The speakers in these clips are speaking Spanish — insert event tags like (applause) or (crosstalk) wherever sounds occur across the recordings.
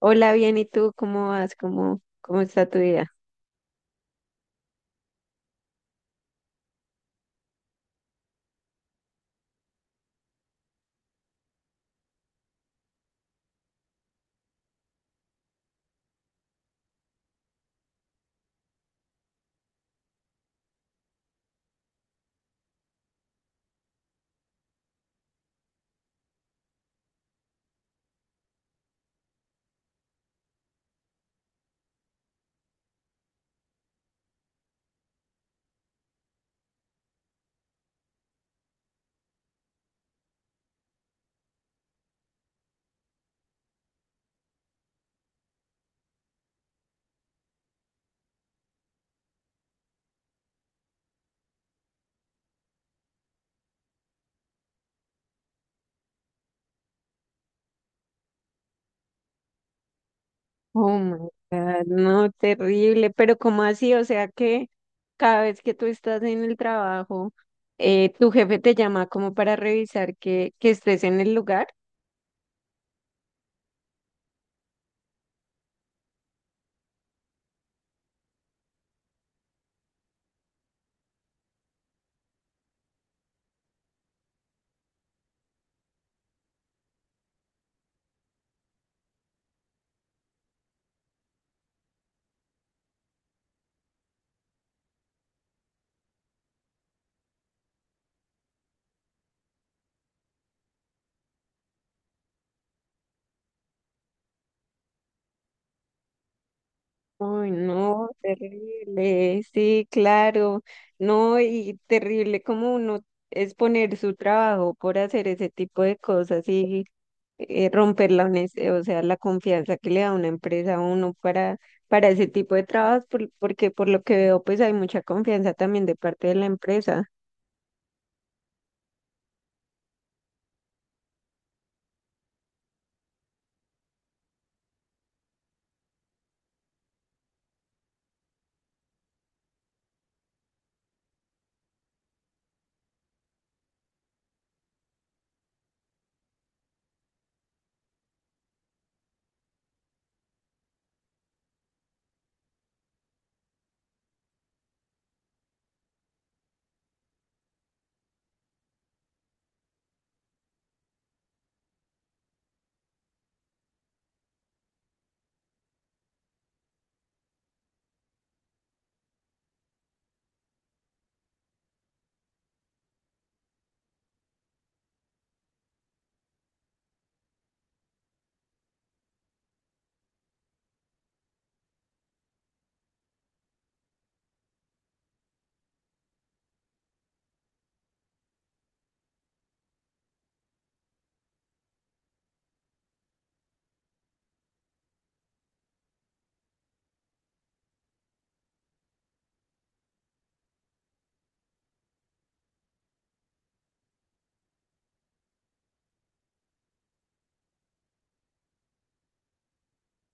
Hola, bien, ¿y tú cómo vas? ¿¿Cómo está tu vida? Oh my God, no, terrible, pero ¿cómo así? O sea que cada vez que tú estás en el trabajo, tu jefe te llama como para revisar que estés en el lugar. Uy, no, terrible, sí, claro, no, y terrible como uno es poner su trabajo por hacer ese tipo de cosas y romper la o sea, la confianza que le da una empresa a uno para ese tipo de trabajos, porque por lo que veo, pues hay mucha confianza también de parte de la empresa.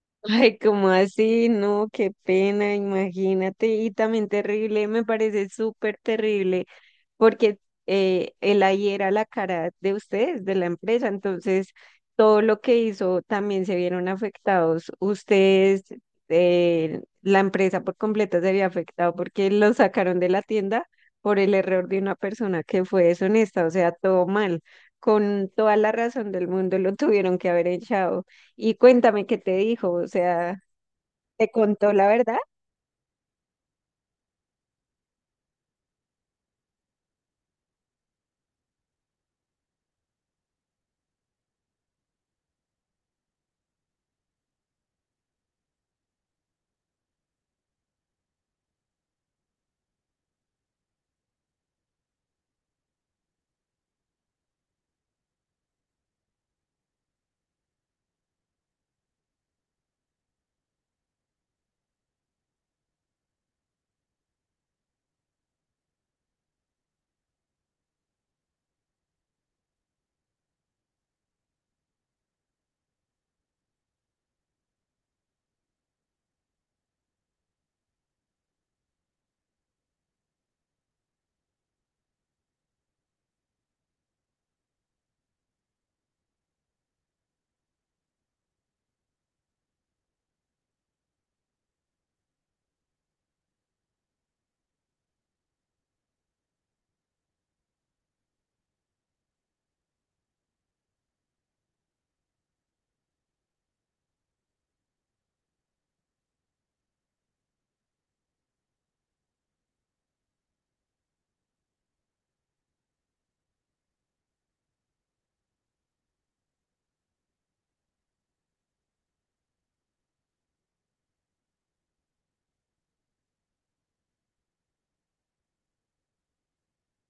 (laughs) Ay, como así? No, qué pena, imagínate. Y también terrible, me parece súper terrible, porque él ahí era la cara de ustedes, de la empresa, entonces todo lo que hizo también se vieron afectados. Ustedes, la empresa por completo se había afectado porque lo sacaron de la tienda por el error de una persona que fue deshonesta, o sea, todo mal. Con toda la razón del mundo lo (laughs) tuvieron que haber echado. Y cuéntame qué te dijo, o sea, ¿te contó la verdad?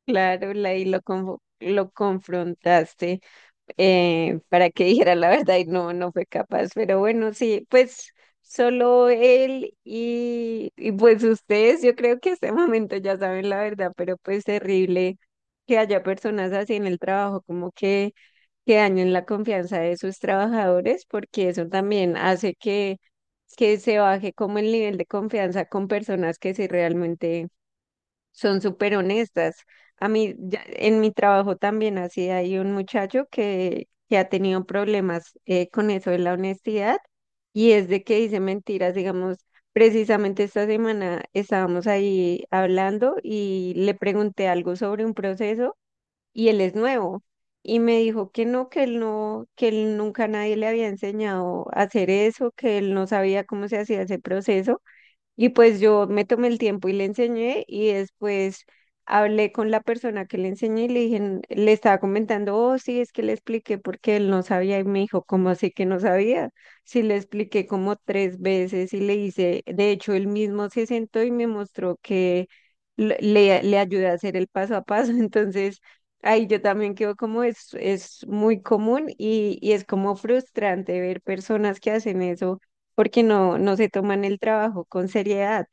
Claro, la, y lo, confo- lo confrontaste, para que (laughs) dijera la verdad y no fue capaz. Pero bueno, sí, pues solo él y pues ustedes, yo creo que este momento ya saben la verdad, pero pues terrible que haya personas así en el trabajo, como que dañen la confianza de sus trabajadores, porque eso también hace que se baje como el nivel de confianza con personas que sí realmente son súper honestas. A mí, en mi trabajo también así hay un muchacho que ha tenido problemas con eso de la honestidad y es de que dice mentiras, digamos, precisamente esta semana estábamos ahí hablando y le pregunté algo sobre un proceso y él es nuevo y me dijo que no, que él no, que él nunca nadie le había enseñado a hacer eso, que él no sabía cómo se hacía ese proceso. Y pues yo me tomé el tiempo y le enseñé y después hablé con la persona que le enseñé y le dije, le estaba comentando, oh, sí, es que le expliqué porque él no sabía y me dijo, ¿cómo así que no sabía? Sí, le expliqué como tres veces y le hice, de hecho, él mismo se sentó y me mostró que le ayudé a hacer el paso a paso, (laughs) entonces... Ahí yo también quedo como es muy común y es como frustrante ver personas que hacen eso porque no se toman el trabajo con seriedad.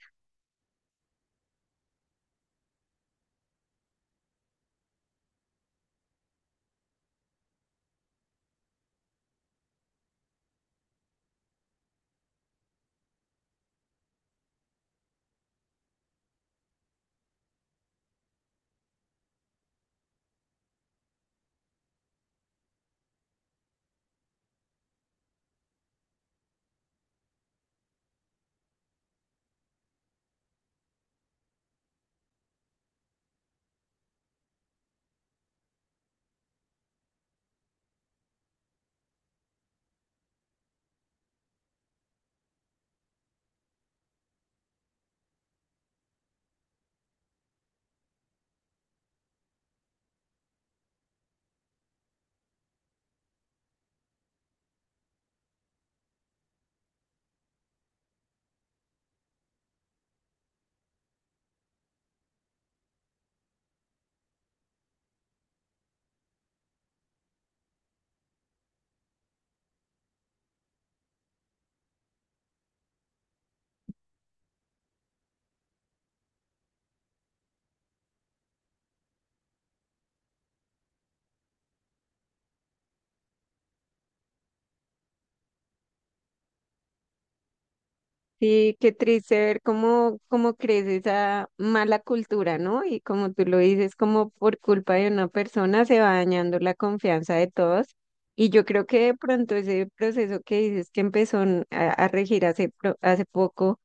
Sí, qué triste ver cómo crece esa mala cultura, ¿no? Y como tú lo dices, como por culpa de una persona se va dañando la confianza de todos. Y yo creo que de pronto ese proceso que dices que empezó a regir hace, hace poco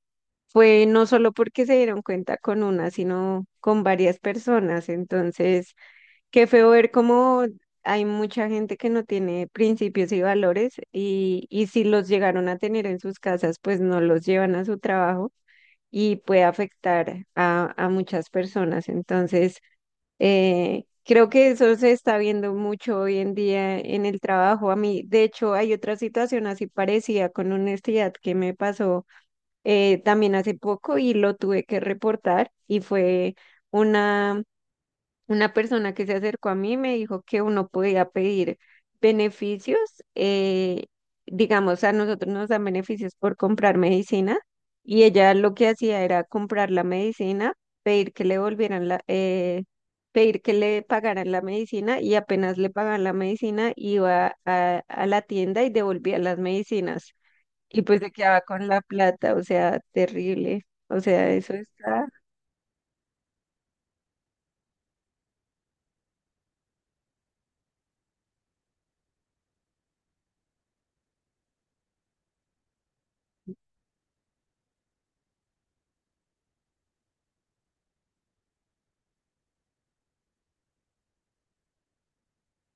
fue no solo porque se dieron cuenta con una, sino con varias personas. Entonces... Qué feo ver cómo hay mucha gente que no tiene principios y valores y si los llegaron a tener en sus casas, pues no los llevan a su trabajo y puede afectar a muchas personas. Entonces, creo que eso se está viendo mucho hoy en día en el trabajo. A mí, de hecho, hay otra situación así parecida con honestidad que me pasó también hace poco y lo tuve que reportar y fue... una una persona que se acercó a mí me dijo que uno podía pedir beneficios, eh, digamos, a nosotros nos dan beneficios por comprar medicina y ella lo que hacía era comprar la medicina, pedir que le volvieran pedir que le pagaran la medicina y apenas le pagaban la medicina iba a la tienda y devolvía las medicinas y pues se quedaba con la plata, o sea, terrible, o sea, eso está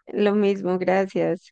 lo mismo, gracias.